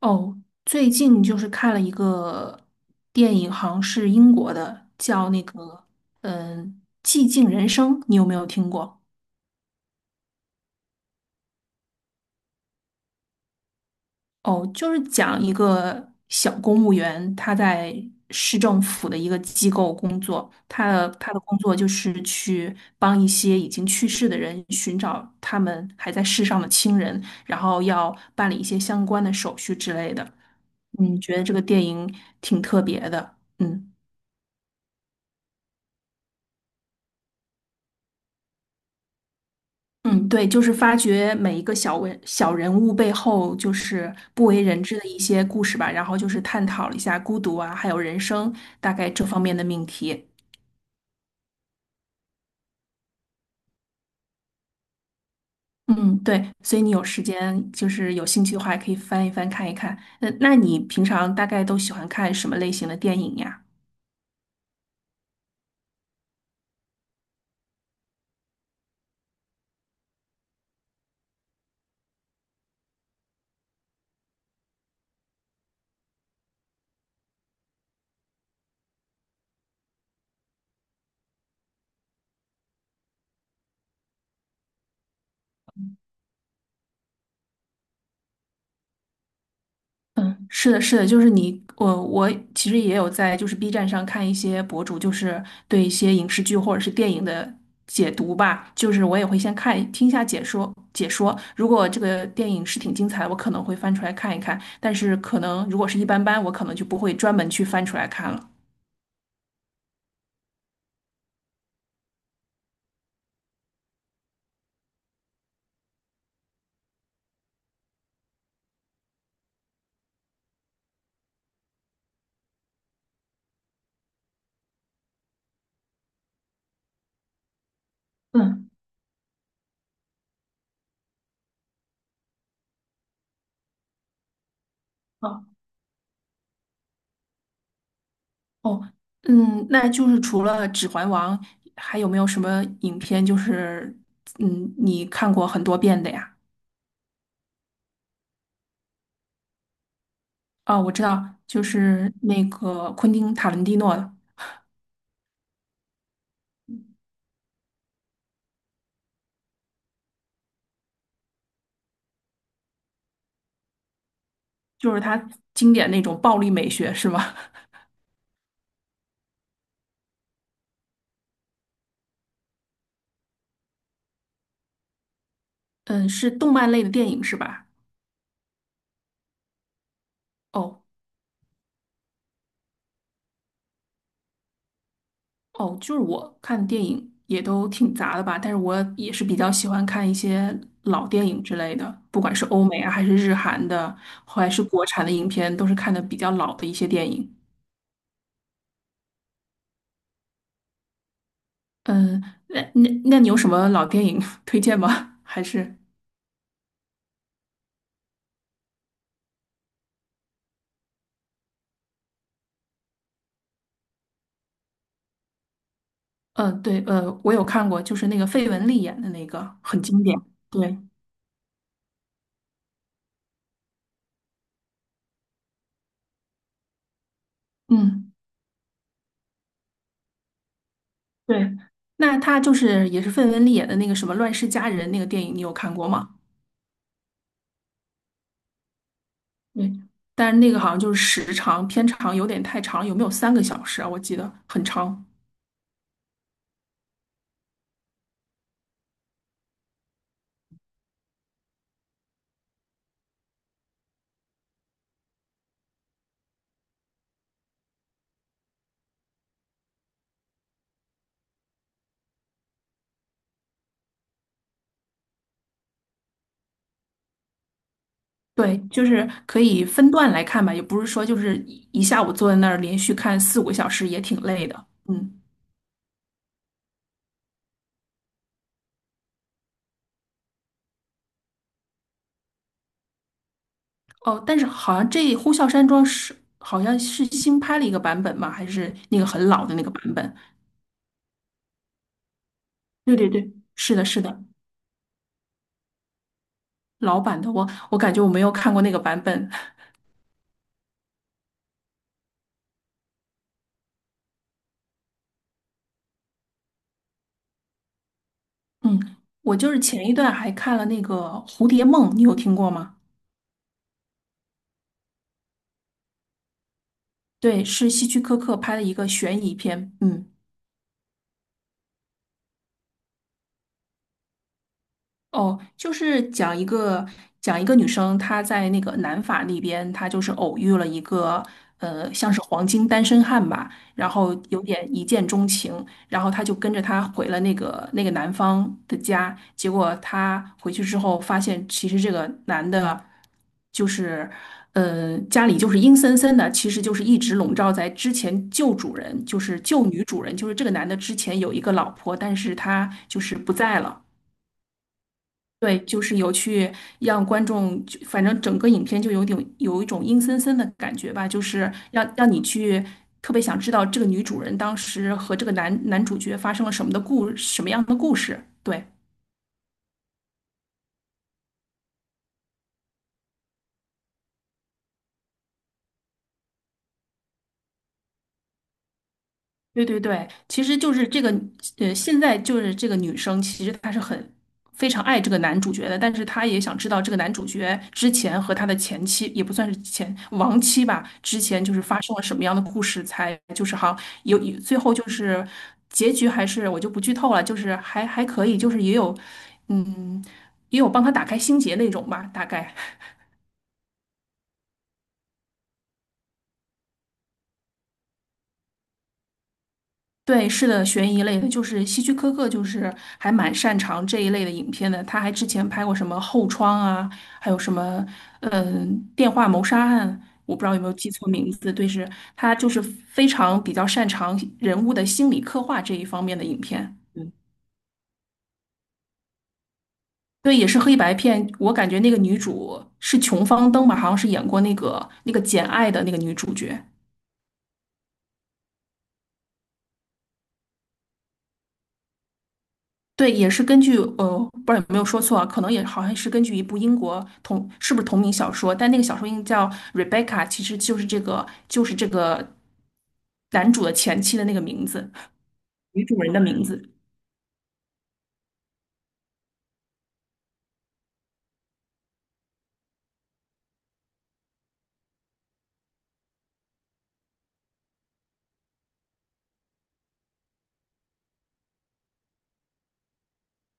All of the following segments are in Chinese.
哦，最近就是看了一个电影，好像是英国的，叫那个嗯《寂静人生》，你有没有听过？哦，就是讲一个小公务员，他在市政府的一个机构工作，他的工作就是去帮一些已经去世的人寻找他们还在世上的亲人，然后要办理一些相关的手续之类的。嗯，觉得这个电影挺特别的，嗯。嗯，对，就是发掘每一个小人物背后就是不为人知的一些故事吧，然后就是探讨了一下孤独啊，还有人生大概这方面的命题。嗯，对，所以你有时间就是有兴趣的话，也可以翻一翻看一看。那你平常大概都喜欢看什么类型的电影呀？嗯，是的，是的，就是你，我其实也有在就是 B 站上看一些博主，就是对一些影视剧或者是电影的解读吧，就是我也会先听一下解说，如果这个电影是挺精彩的，我可能会翻出来看一看，但是可能如果是一般般，我可能就不会专门去翻出来看了。嗯，哦哦，嗯，那就是除了《指环王》，还有没有什么影片就是你看过很多遍的呀？啊，我知道，就是那个昆汀塔伦蒂诺的，就是他经典那种暴力美学，是吗？嗯，是动漫类的电影是吧？哦哦，就是我看电影也都挺杂的吧，但是我也是比较喜欢看一些老电影之类的，不管是欧美啊，还是日韩的，还是国产的影片，都是看的比较老的一些电影。嗯，那你有什么老电影 推荐吗？还是嗯，呃对，我有看过，就是那个费雯丽演的那个，很经典。对。嗯，对，那他就是也是费雯丽演的那个什么《乱世佳人》那个电影，你有看过吗？对，但是那个好像就是时长偏长，有点太长了，有没有3个小时啊？我记得很长。对，就是可以分段来看吧，也不是说就是一下午坐在那儿连续看四五个小时也挺累的。嗯，哦，但是好像这《呼啸山庄》是好像是新拍了一个版本吗？还是那个很老的那个版本？对对对，是的，是的，老版的，我感觉我没有看过那个版本。嗯，我就是前一段还看了那个《蝴蝶梦》，你有听过吗？对，是希区柯克拍的一个悬疑片。嗯。哦，就是讲一个女生，她在那个南法那边，她就是偶遇了一个像是黄金单身汉吧，然后有点一见钟情，然后她就跟着他回了那个男方的家，结果她回去之后发现，其实这个男的，就是家里就是阴森森的，其实就是一直笼罩在之前旧主人，就是旧女主人，就是这个男的之前有一个老婆，但是他就是不在了。对，就是有去让观众就，反正整个影片就有点有一种阴森森的感觉吧，就是让你去特别想知道这个女主人当时和这个男主角发生了什么样的故事。对。对对对，其实就是这个，现在就是这个女生，其实她是非常爱这个男主角的，但是她也想知道这个男主角之前和他的前妻，也不算是前亡妻吧，之前就是发生了什么样的故事，才就是好像有最后就是结局还是我就不剧透了，就是还可以，就是也有，嗯，也有帮他打开心结那种吧，大概。对，是的，悬疑类的，就是希区柯克，就是还蛮擅长这一类的影片的。他还之前拍过什么《后窗》啊，还有什么嗯、呃电话谋杀案，我不知道有没有记错名字。对，是他就是非常比较擅长人物的心理刻画这一方面的影片。对，也是黑白片。我感觉那个女主是琼芳登吧，好像是演过那个《简爱》的那个女主角。对，也是根据不知道有没有说错啊，可能也好像是根据一部英国是不是同名小说，但那个小说应该叫《Rebecca》,其实就是这个男主的前妻的那个名字，女主人的名字。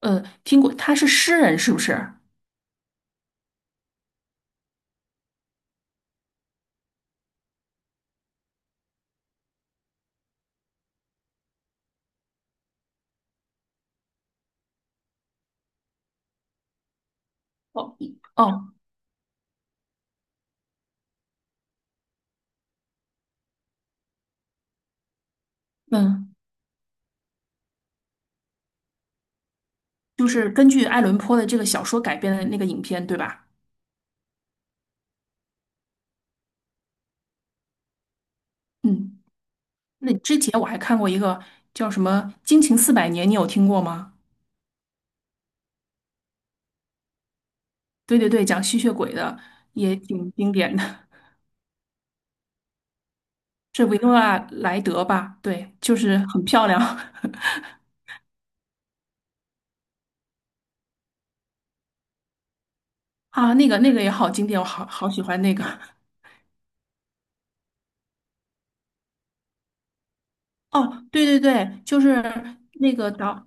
听过，他是诗人是不是？哦，哦，嗯，就是根据爱伦坡的这个小说改编的那个影片，对吧？嗯，那之前我还看过一个叫什么《惊情四百年》，你有听过吗？对对对，讲吸血鬼的，也挺经典的。是维诺纳莱德吧？对，就是很漂亮 啊，那个也好经典，我好喜欢那个。哦，对对对，就是那个导，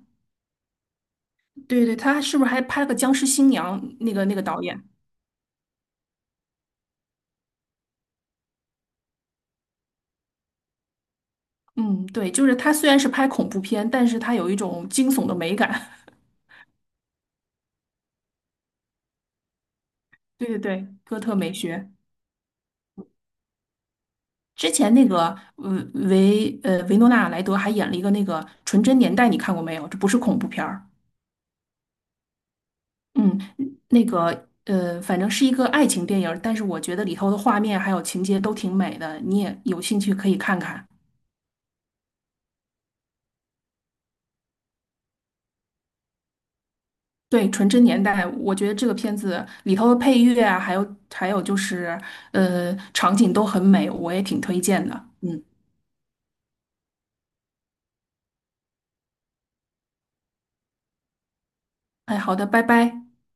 对对，他是不是还拍了个《僵尸新娘》？那个导演，嗯，对，就是他虽然是拍恐怖片，但是他有一种惊悚的美感。对对对，哥特美学。之前那个呃维诺纳莱德还演了一个那个《纯真年代》，你看过没有？这不是恐怖片儿。嗯，那个反正是一个爱情电影儿，但是我觉得里头的画面还有情节都挺美的，你也有兴趣可以看看。对，《纯真年代》，我觉得这个片子里头的配乐啊，还有就是场景都很美，我也挺推荐的。嗯，哎，好的，拜拜。